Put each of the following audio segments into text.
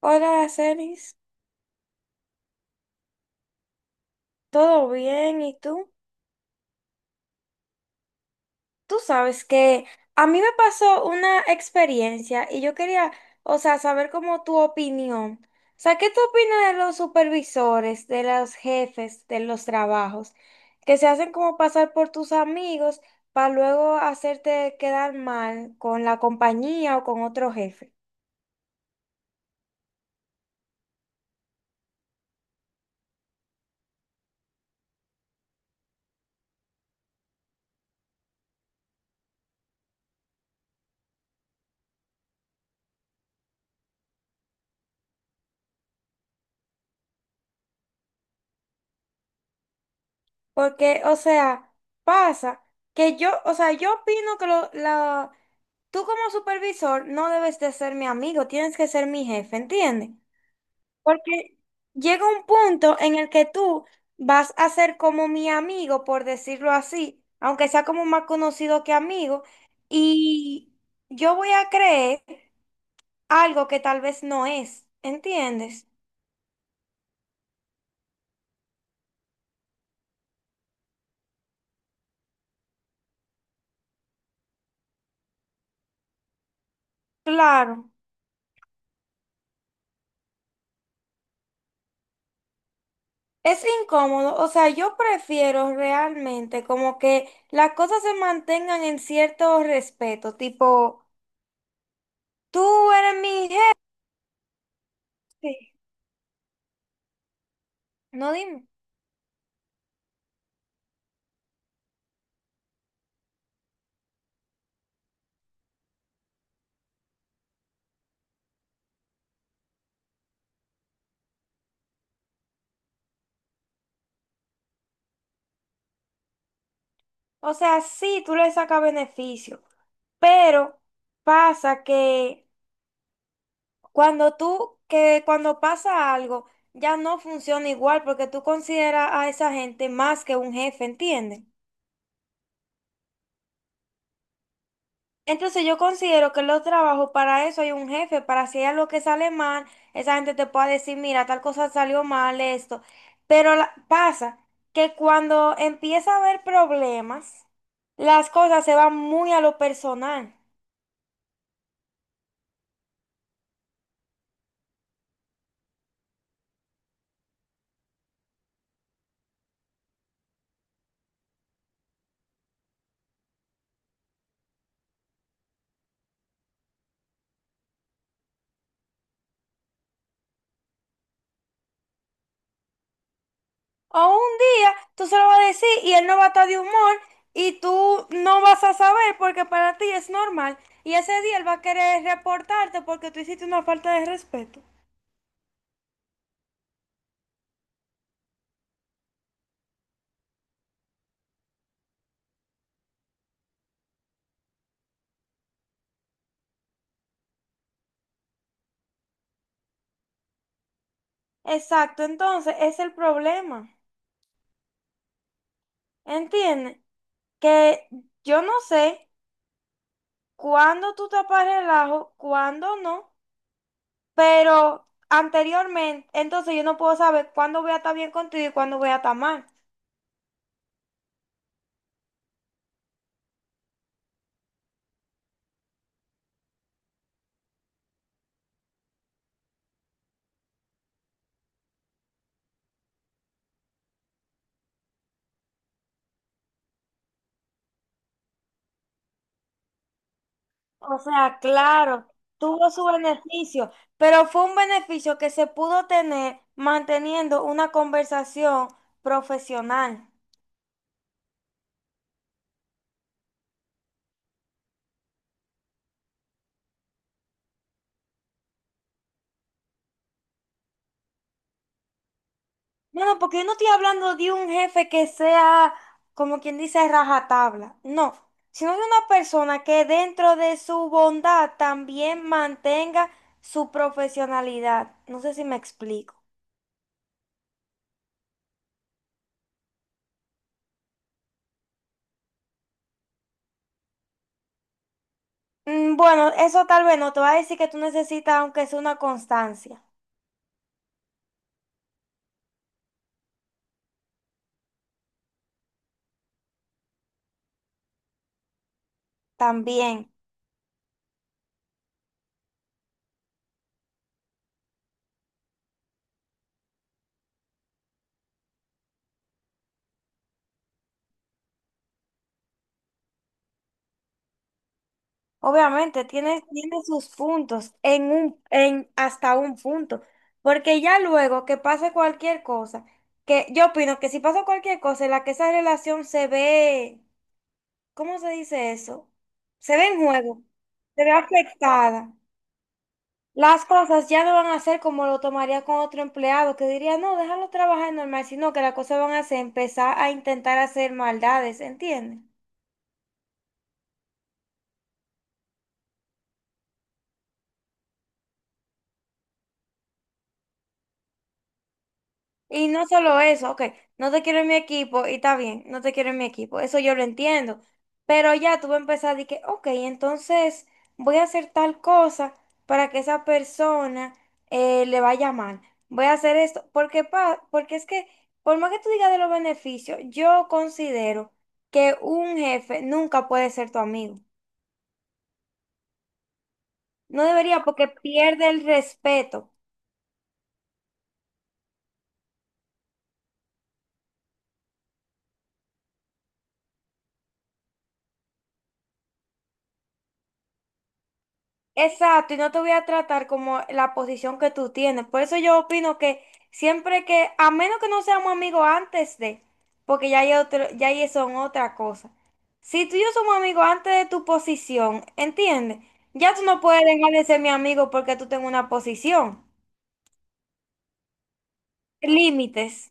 Hola, Aracelis, ¿todo bien? ¿Y tú? Tú sabes que a mí me pasó una experiencia y yo quería saber como tu opinión. O sea, ¿qué tú opinas de los supervisores, de los jefes, de los trabajos, que se hacen como pasar por tus amigos para luego hacerte quedar mal con la compañía o con otro jefe? Porque, o sea, pasa que yo, o sea, yo opino que tú como supervisor no debes de ser mi amigo, tienes que ser mi jefe, ¿entiendes? Porque llega un punto en el que tú vas a ser como mi amigo, por decirlo así, aunque sea como más conocido que amigo, y yo voy a creer algo que tal vez no es, ¿entiendes? Claro. Es incómodo, o sea, yo prefiero realmente como que las cosas se mantengan en cierto respeto, tipo, tú eres mi jefe, no dime. O sea, sí, tú le sacas beneficio, pero pasa que cuando pasa algo, ya no funciona igual porque tú consideras a esa gente más que un jefe, ¿entiendes? Entonces yo considero que en los trabajos para eso hay un jefe, para si hay algo que sale mal, esa gente te pueda decir, mira, tal cosa salió mal, esto. Pero pasa que cuando empieza a haber problemas, las cosas se van muy a lo personal. O un día tú se lo vas a decir y él no va a estar de humor y tú no vas a saber porque para ti es normal. Y ese día él va a querer reportarte porque tú hiciste una falta de respeto. Exacto, entonces ese es el problema. ¿Entiendes? Que yo no sé cuándo tú tapas relajo, cuándo no, pero anteriormente, entonces yo no puedo saber cuándo voy a estar bien contigo y cuándo voy a estar mal. O sea, claro, tuvo su beneficio, pero fue un beneficio que se pudo tener manteniendo una conversación profesional. No, no, porque yo no estoy hablando de un jefe que sea, como quien dice, rajatabla. No, sino de una persona que dentro de su bondad también mantenga su profesionalidad. No sé si me explico. Bueno, eso tal vez no te va a decir que tú necesitas, aunque sea una constancia, también. Obviamente, tiene sus puntos en hasta un punto. Porque ya luego que pase cualquier cosa, que yo opino que si pasa cualquier cosa en la que esa relación se ve, ¿cómo se dice eso? Se ve en juego, se ve afectada. Las cosas ya no van a ser como lo tomaría con otro empleado que diría, no, déjalo trabajar normal, sino que las cosas van a ser empezar a intentar hacer maldades, ¿entiendes? Y no solo eso, ok, no te quiero en mi equipo y está bien, no te quiero en mi equipo, eso yo lo entiendo. Pero ya tú vas a empezar de que, ok, entonces voy a hacer tal cosa para que esa persona le vaya mal. Voy a hacer esto, porque, porque es que, por más que tú digas de los beneficios, yo considero que un jefe nunca puede ser tu amigo. No debería porque pierde el respeto. Exacto, y no te voy a tratar como la posición que tú tienes. Por eso yo opino que siempre que, a menos que no seamos amigos antes de, porque ya hay otro, ya ahí son otra cosa. Si tú y yo somos amigos antes de tu posición, ¿entiendes? Ya tú no puedes dejar de ser mi amigo porque tú tengas una posición. Límites.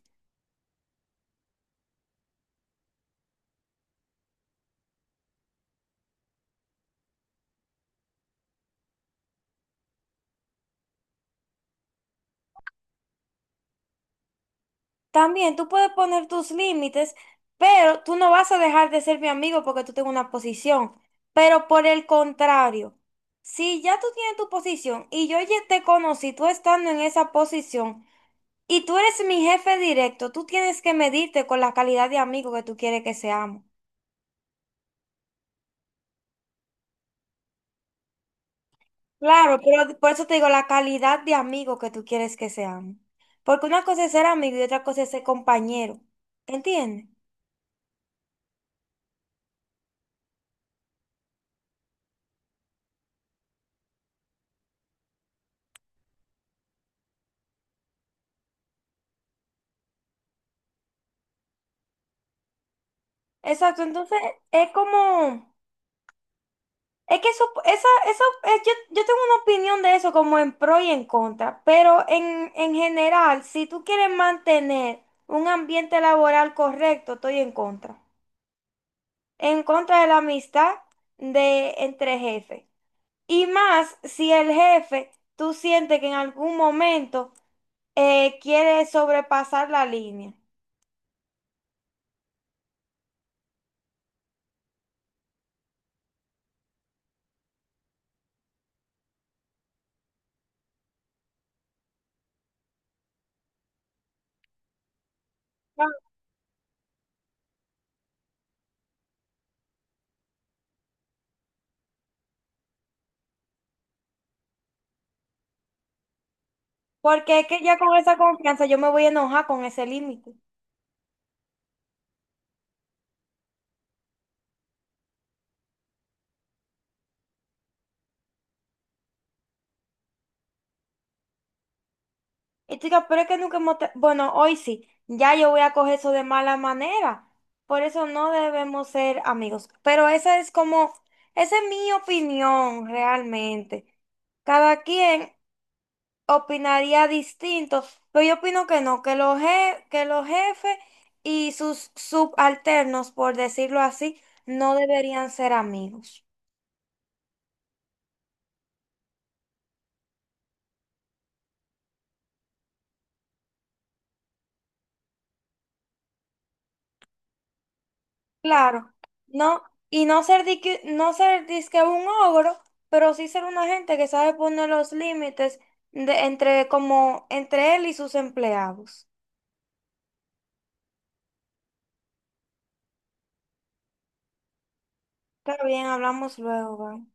También tú puedes poner tus límites, pero tú no vas a dejar de ser mi amigo porque tú tengas una posición. Pero por el contrario, si ya tú tienes tu posición y yo ya te conocí, tú estando en esa posición y tú eres mi jefe directo, tú tienes que medirte con la calidad de amigo que tú quieres que seamos. Claro, pero por eso te digo la calidad de amigo que tú quieres que seamos. Porque una cosa es ser amigo y otra cosa es ser compañero. ¿Entiendes? Exacto, entonces es como... Es que eso, esa, eso, es- yo tengo una opinión de eso como en pro y en contra, pero en general, si tú quieres mantener un ambiente laboral correcto, estoy en contra. En contra de la amistad de entre jefes. Y más si el jefe, tú sientes que en algún momento quiere sobrepasar la línea. Porque es que ya con esa confianza yo me voy a enojar con ese límite. Y tú dirás, pero es que nunca Bueno, hoy sí, ya yo voy a coger eso de mala manera. Por eso no debemos ser amigos. Pero esa es como, esa es mi opinión realmente. Cada quien opinaría distinto, pero yo opino que no, que que los jefes y sus subalternos, por decirlo así, no deberían ser amigos. Claro, no, y no ser disque, no ser disque un ogro, pero sí ser una gente que sabe poner los límites de, entre como entre él y sus empleados. Está bien, hablamos luego, bye.